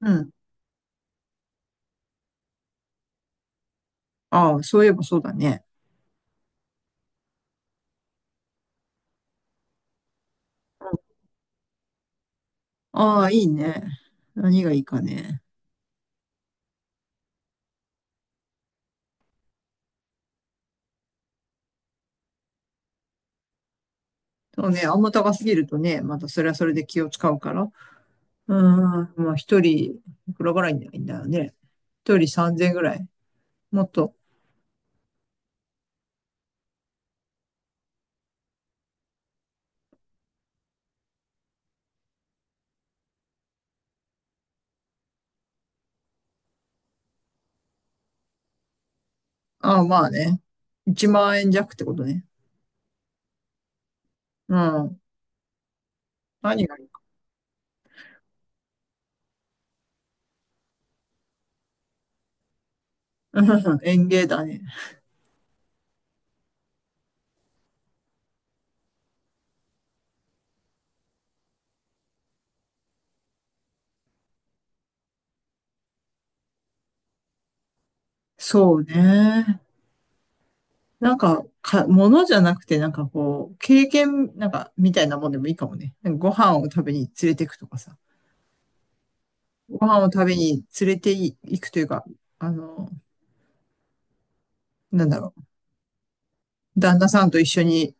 うん。ああ、そういえばそうだね。ああ、いいね。何がいいかね。そうね、あんま高すぎるとね、またそれはそれで気を使うから。まあ一人、いくらぐらいになるんだよね。一人3000ぐらい。もっと。ああ、まあね。1万円弱ってことね。うん。何がいいか、うん。 園芸だね。そうね。物じゃなくて、なんかこう、経験、なんか、みたいなもんでもいいかもね。なんかご飯を食べに連れてくとかさ。ご飯を食べに連れて行くというか、あの、なんだろ旦那さんと一緒に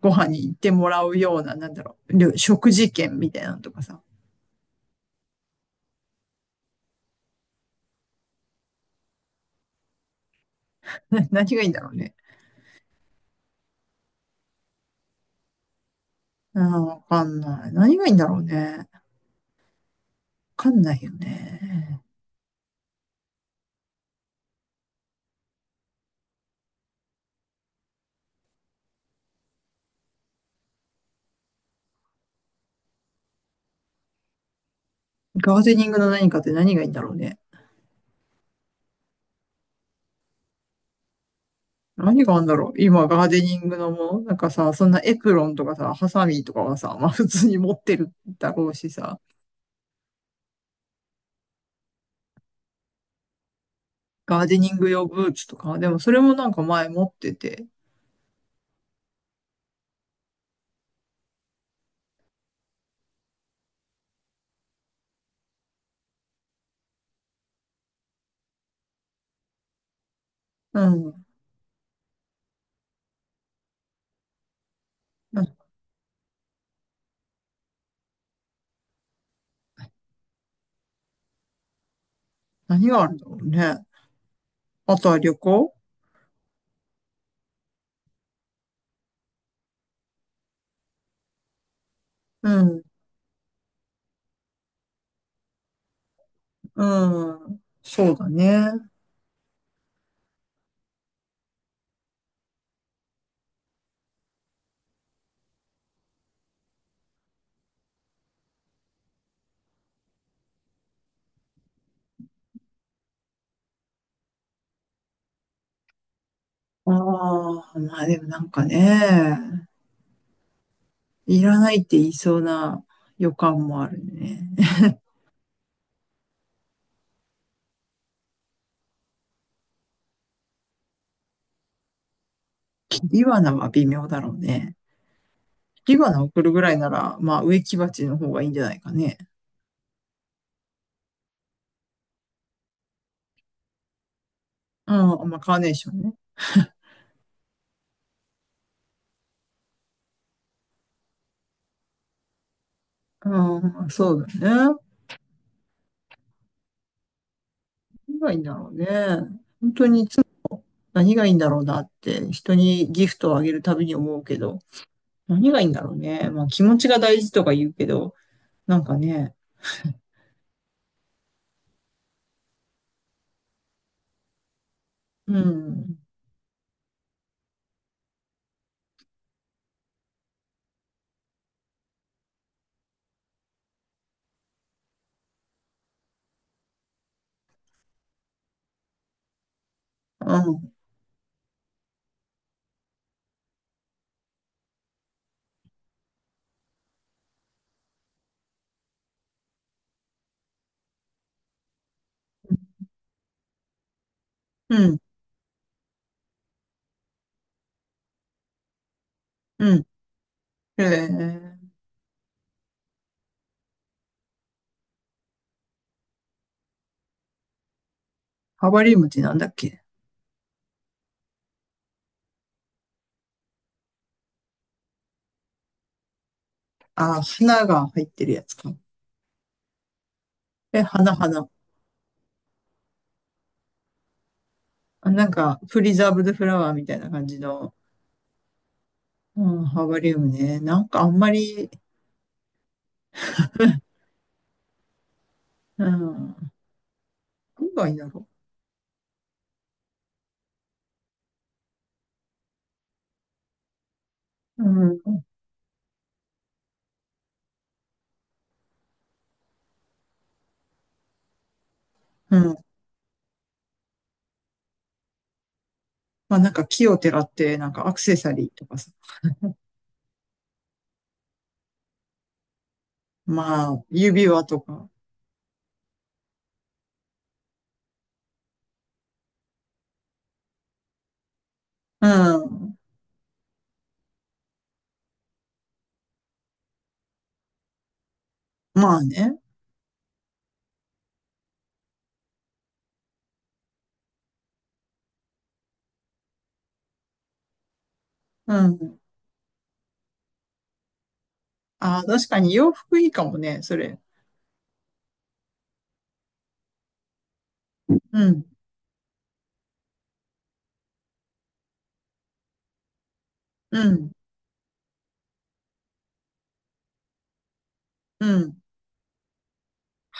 ご飯に行ってもらうような、なんだろう、食事券みたいなのとかさ。何がいいんだろうね。あー、わかんない。何がいいんだろうね。わかんないよね。ガーデニングの何かって何がいいんだろうね。何があるんだろう今、ガーデニングのものなんかさ、そんなエプロンとかさ、ハサミとかはさ、まあ普通に持ってるだろうしさ、ガーデニング用ブーツとか、でもそれもなんか前持ってて、うん。な何があるんだろうね。あとは旅行。うん、うん。そうだね。ああ、まあでもなんかね、いらないって言いそうな予感もあるね。ビワナは微妙だろうね。ビワナ送るぐらいなら、まあ植木鉢の方がいいんじゃないかね。うん、まあカーネーションね。うん、そうだね。何がいいんだろうね。本当にいつも何がいいんだろうなって、人にギフトをあげるたびに思うけど。何がいいんだろうね。まあ気持ちが大事とか言うけど、なんかね、うん、うん、うん、うん。えー、ハバリウムってなんだっけ。あー、花が入ってるやつか。え、花、花。あ、なんか、プリザーブドフラワーみたいな感じの、うん、ハーバリウムね。なんかあんまり、うん、何がいいんだろう。うん、うん。まあなんか木をてらって、なんかアクセサリーとかさ。まあ、指輪とか。うん。まあね。うん。ああ、確かに洋服いいかもね、それ。うん、うん、うん、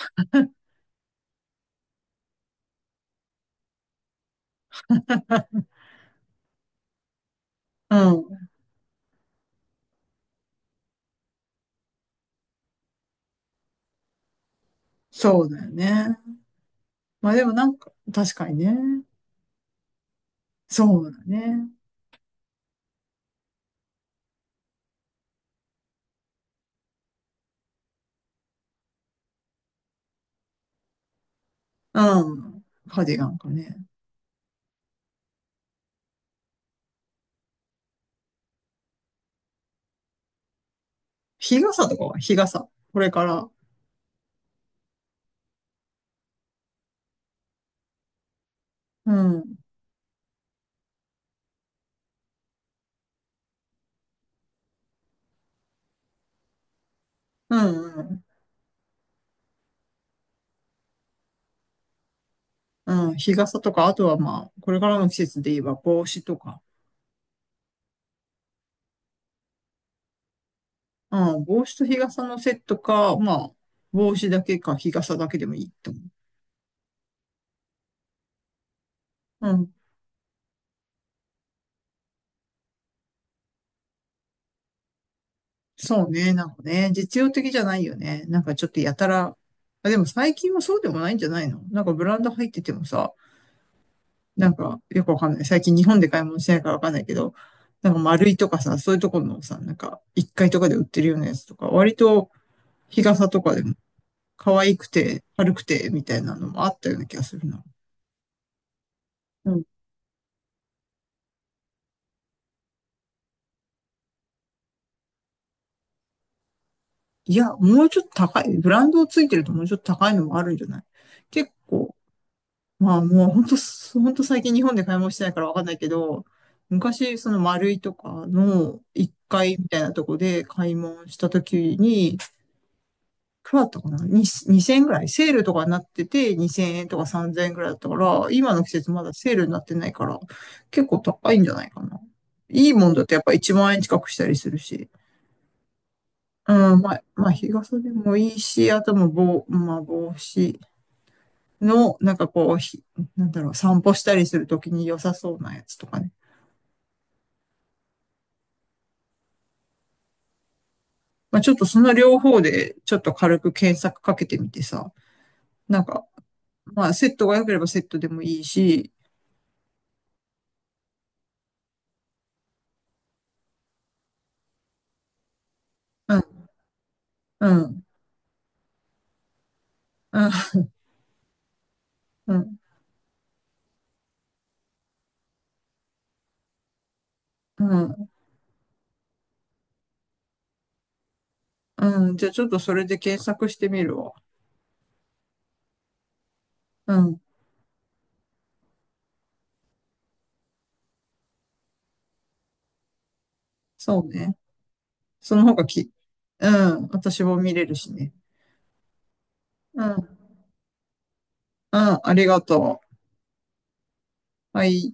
うん。そうだよね。まあでもなんか、確かにね。そうだね。うん。カーディガンかね。日傘とかは日傘。これから。うん、うん、うん。うん、日傘とか、あとはまあ、これからの季節で言えば帽子とか。うん、帽子と日傘のセットか、まあ、帽子だけか日傘だけでもいいと思う。そうね、なんかね、実用的じゃないよね。なんかちょっとやたら、あ、でも最近はそうでもないんじゃないの、なんかブランド入っててもさ、なんかよくわかんない。最近日本で買い物してないからわかんないけど、なんか丸いとかさ、そういうところのさ、なんか1階とかで売ってるようなやつとか、割と日傘とかでも可愛くて軽くてみたいなのもあったような気がするな。うん。いや、もうちょっと高い。ブランドついてるともうちょっと高いのもあるんじゃない？結構、まあもう本当、本当最近日本で買い物してないからわかんないけど、昔その丸いとかの1階みたいなとこで買い物した時に、いくらだったかな、に2 0円ぐらいセールとかになってて2000円とか3000円ぐらいだったから、今の季節まだセールになってないから、結構高いんじゃないかな。いいもんだとやっぱ1万円近くしたりするし。うん、まあ、まあ日傘でもいいし、あともう帽、まあ帽子。の、なんかこう、なんだろう、散歩したりするときに良さそうなやつとかね。まあちょっとその両方で、ちょっと軽く検索かけてみてさ、なんか、まあセットが良ければセットでもいいし、うん、うん、うん、うん、うん、うん。じゃあちょっとそれで検索してみるわ。うん、そうね。その方がき、うん、私も見れるしね。うん、うん、ありがとう。はい。